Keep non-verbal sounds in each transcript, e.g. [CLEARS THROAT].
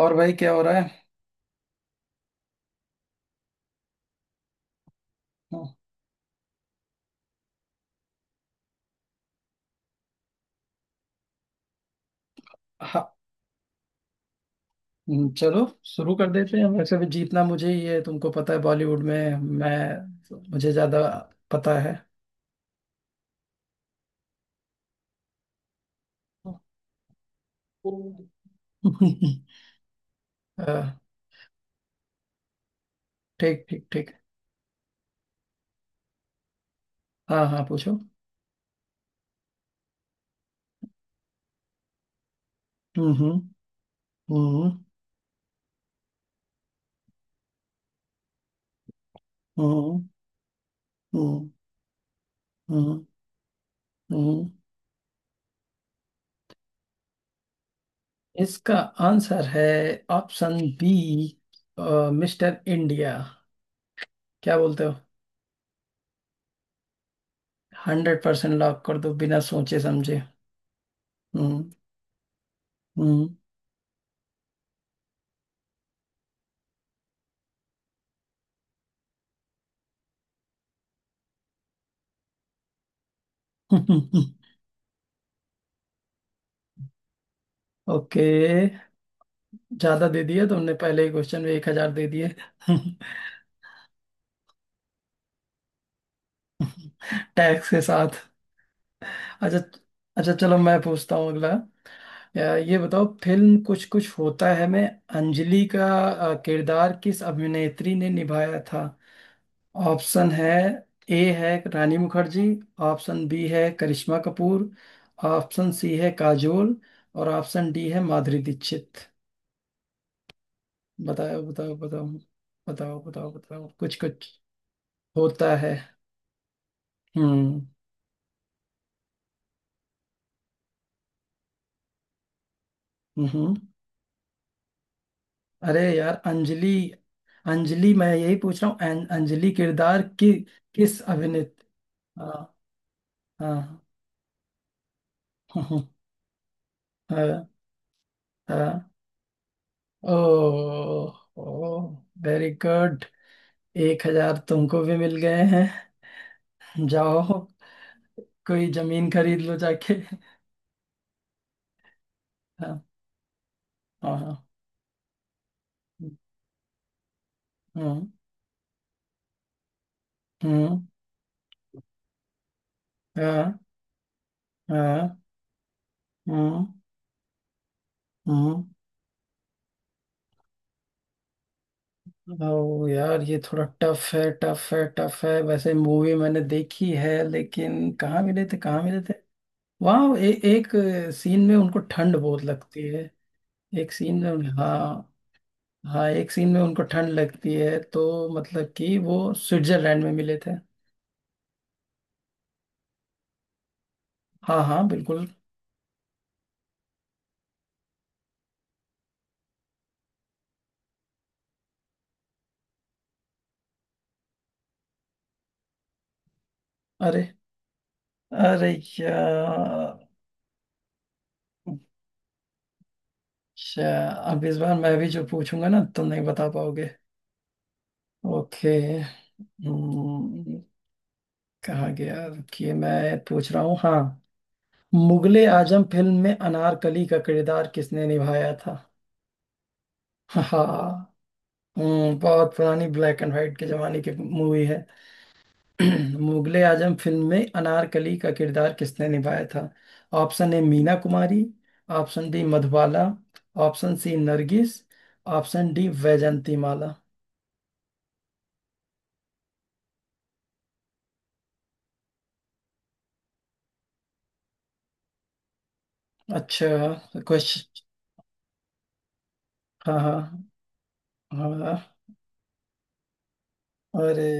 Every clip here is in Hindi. और भाई, क्या हो रहा है? हाँ। चलो शुरू कर देते हैं, वैसे भी जीतना मुझे ही है। तुमको पता है बॉलीवुड में मैं मुझे ज्यादा पता है। [LAUGHS] अ, ठीक ठीक ठीक। हाँ हाँ, पूछो। हम्म। हम्म। हम्म। हम्म। हम्म। हम्म। इसका आंसर है ऑप्शन बी, मिस्टर इंडिया। क्या बोलते हो? 100% लॉक कर दो, बिना सोचे समझे। हम्म। हम्म। [LAUGHS] ओके। ज्यादा दे दिया तुमने, पहले ही क्वेश्चन में 1,000 दे दिए। [LAUGHS] टैक्स के साथ। अच्छा। अच्छा चलो मैं पूछता हूँ अगला। अ, ये बताओ, फिल्म कुछ कुछ होता है में अंजलि का किरदार किस अभिनेत्री ने निभाया था? ऑप्शन है ए है रानी मुखर्जी, ऑप्शन बी है करिश्मा कपूर, ऑप्शन सी है काजोल, और ऑप्शन डी है माधुरी दीक्षित। बताओ बताओ बताओ। बताओ बताओ बताओ कुछ कुछ होता है। हम्म। हम्म। अरे यार, अंजलि। अंजलि, मैं यही पूछ रहा हूँ, अंजलि किरदार की किस अभिनेत— हाँ हाँ। हम्म, हाँ हाँ। ओ, ओ, वेरी गुड। [LAUGHS] 1,000 तुमको भी मिल गए हैं। जाओ कोई जमीन खरीद लो जाके। हाँ हाँ हाँ। हम्म। हम्म। हाँ हाँ। हम्म। हम्म। ओ यार, ये थोड़ा टफ है, टफ है, टफ है। वैसे मूवी मैंने देखी है लेकिन कहाँ मिले थे, कहाँ मिले थे। वहाँ एक सीन में उनको ठंड बहुत लगती है। एक सीन में, हाँ। हाँ, एक सीन में उनको ठंड लगती है, तो मतलब कि वो स्विट्जरलैंड में मिले थे। हाँ हाँ, बिल्कुल। अरे। अरे यार। अच्छा, अब इस बार मैं भी जो पूछूंगा ना तुम नहीं बता पाओगे। ओके। हम्म, कहाँ गया? रुकिए, मैं पूछ रहा हूँ। हाँ। मुगले आजम फिल्म में अनारकली का किरदार किसने निभाया था? हाँ। बहुत पुरानी ब्लैक एंड व्हाइट के जमाने की मूवी है। [CLEARS THROAT] मुगले आजम फिल्म में अनारकली का किरदार किसने निभाया था? Option A Meena Kumari, option D Madhubala, option C Nargis, option D Vyjayanthimala. अच्छा क्वेश्चन। हाँ हाँ हाँ। अरे।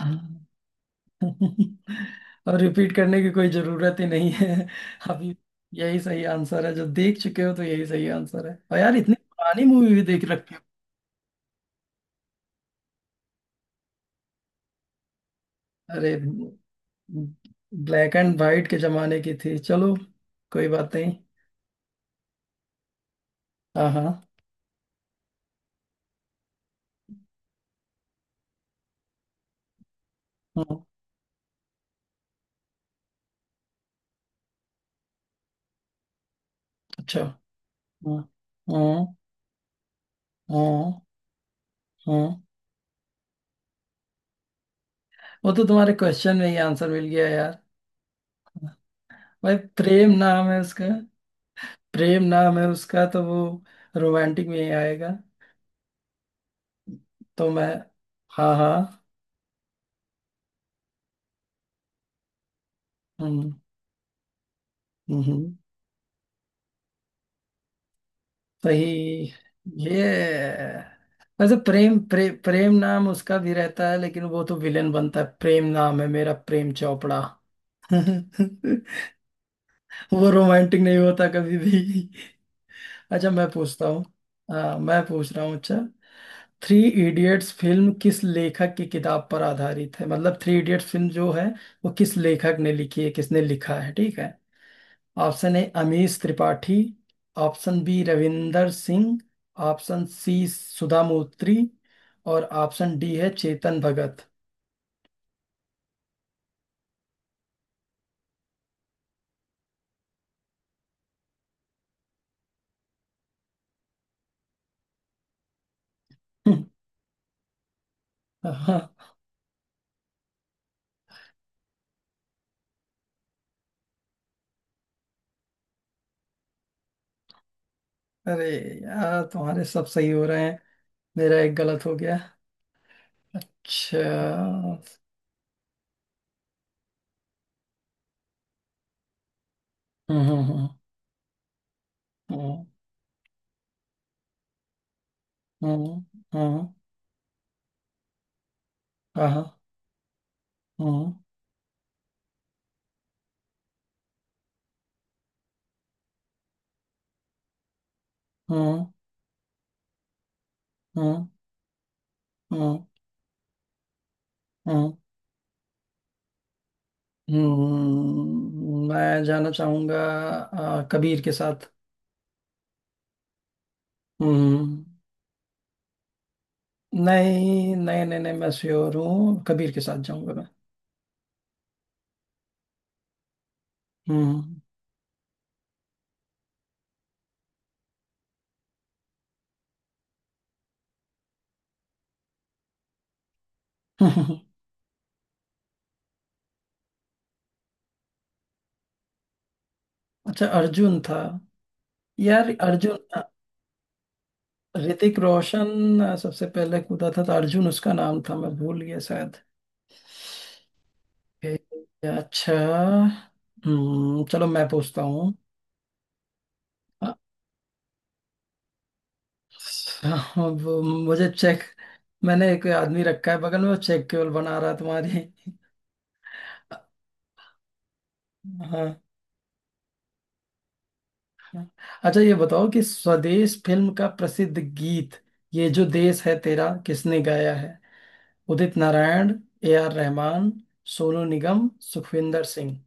हम्म, [LAUGHS] और रिपीट करने की कोई जरूरत ही नहीं है अभी। यही सही आंसर है, जो देख चुके हो तो यही सही आंसर है। और यार, इतनी पुरानी मूवी भी देख रखी हो। अरे, ब्लैक एंड वाइट के जमाने की थी। चलो कोई बात नहीं। हाँ हाँ। हाँ, अच्छा। हाँ हाँ हाँ हाँ। वो तो तुम्हारे क्वेश्चन में ही आंसर मिल गया यार। भाई, प्रेम नाम है उसका। प्रेम नाम है उसका, तो वो रोमांटिक में ही आएगा। तो मैं— हाँ हाँ। हम्म। हम्म, सही। ये— वैसे प्रेम नाम उसका भी रहता है, लेकिन वो तो विलेन बनता है। प्रेम नाम है मेरा, प्रेम चोपड़ा। [LAUGHS] वो रोमांटिक नहीं होता कभी भी। अच्छा, मैं पूछता हूँ। हाँ मैं पूछ रहा हूँ। अच्छा। थ्री इडियट्स फिल्म किस लेखक की किताब पर आधारित है? मतलब थ्री इडियट्स फिल्म जो है वो किस लेखक ने लिखी है, किसने लिखा है, ठीक है? Option A Amish Tripathi, option B Ravinder Singh, option C Sudha Murthy, और ऑप्शन डी है चेतन भगत। [LAUGHS] हाँ। अरे यार, तुम्हारे सब सही हो रहे हैं। मेरा एक गलत हो गया। अच्छा। हम्म। हम्म हम्म। हम्म हम्म, हाँ, हाँ, हम्म हम्म। हम्म हम्म। हम्म, हम्म। मैं जाना चाहूंगा कबीर के साथ। हम्म। नहीं नहीं नहीं नहीं, मैं श्योर हूँ, कबीर के साथ जाऊंगा मैं। हम्म। [LAUGHS] अच्छा, अर्जुन था। यार, अर्जुन। ऋतिक रोशन सबसे पहले कूदा था, तो अर्जुन उसका नाम था, मैं भूल गया शायद। ए, अच्छा। हम्म, चलो मैं पूछता हूँ। अ, वो मुझे चेक— मैंने एक आदमी रखा है बगल में, वो चेक केवल बना रहा है तुम्हारी। हाँ। अच्छा, ये बताओ कि स्वदेश फिल्म का प्रसिद्ध गीत ये जो देश है तेरा किसने गाया है? Udit Narayan, A R Rahman, Sonu Nigam, Sukhwinder Singh.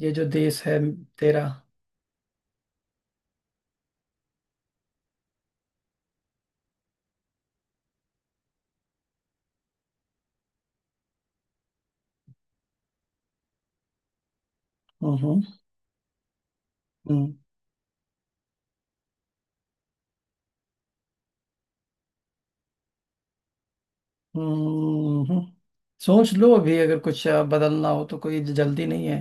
ये जो देश है तेरा। हम्म। हम्म हम्म। सोच लो, अभी अगर कुछ बदलना हो तो कोई जल्दी नहीं है।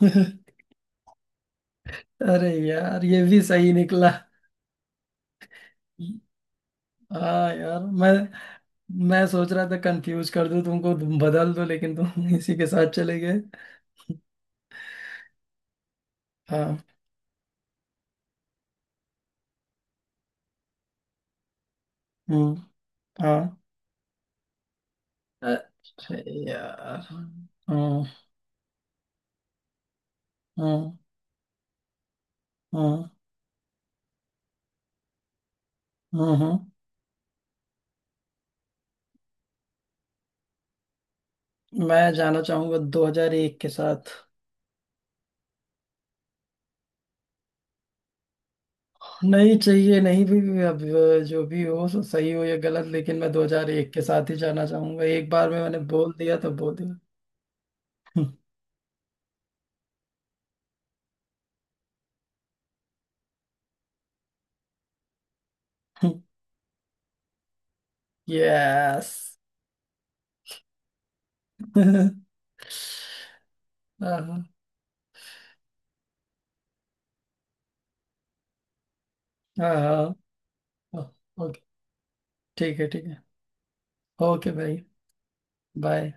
[LAUGHS] अरे यार, ये भी सही निकला। हाँ यार, मैं सोच रहा था कंफ्यूज कर दूं तुमको तुम बदल दो, लेकिन तुम [LAUGHS] इसी के साथ चले गए। हाँ। हम्म। हाँ। अरे यार। हम्म हम्म हम्म हम्म। मैं जाना चाहूंगा 2001 के साथ। नहीं चाहिए नहीं, अब जो भी हो सो, सही हो या गलत, लेकिन मैं 2001 के साथ ही जाना चाहूंगा, एक बार में मैंने बोल दिया तो बोल दिया। [LAUGHS] यस। [LAUGHS] हाँ हाँ हाँ हाँ, ओके ठीक है ठीक है। ओके भाई। बाय।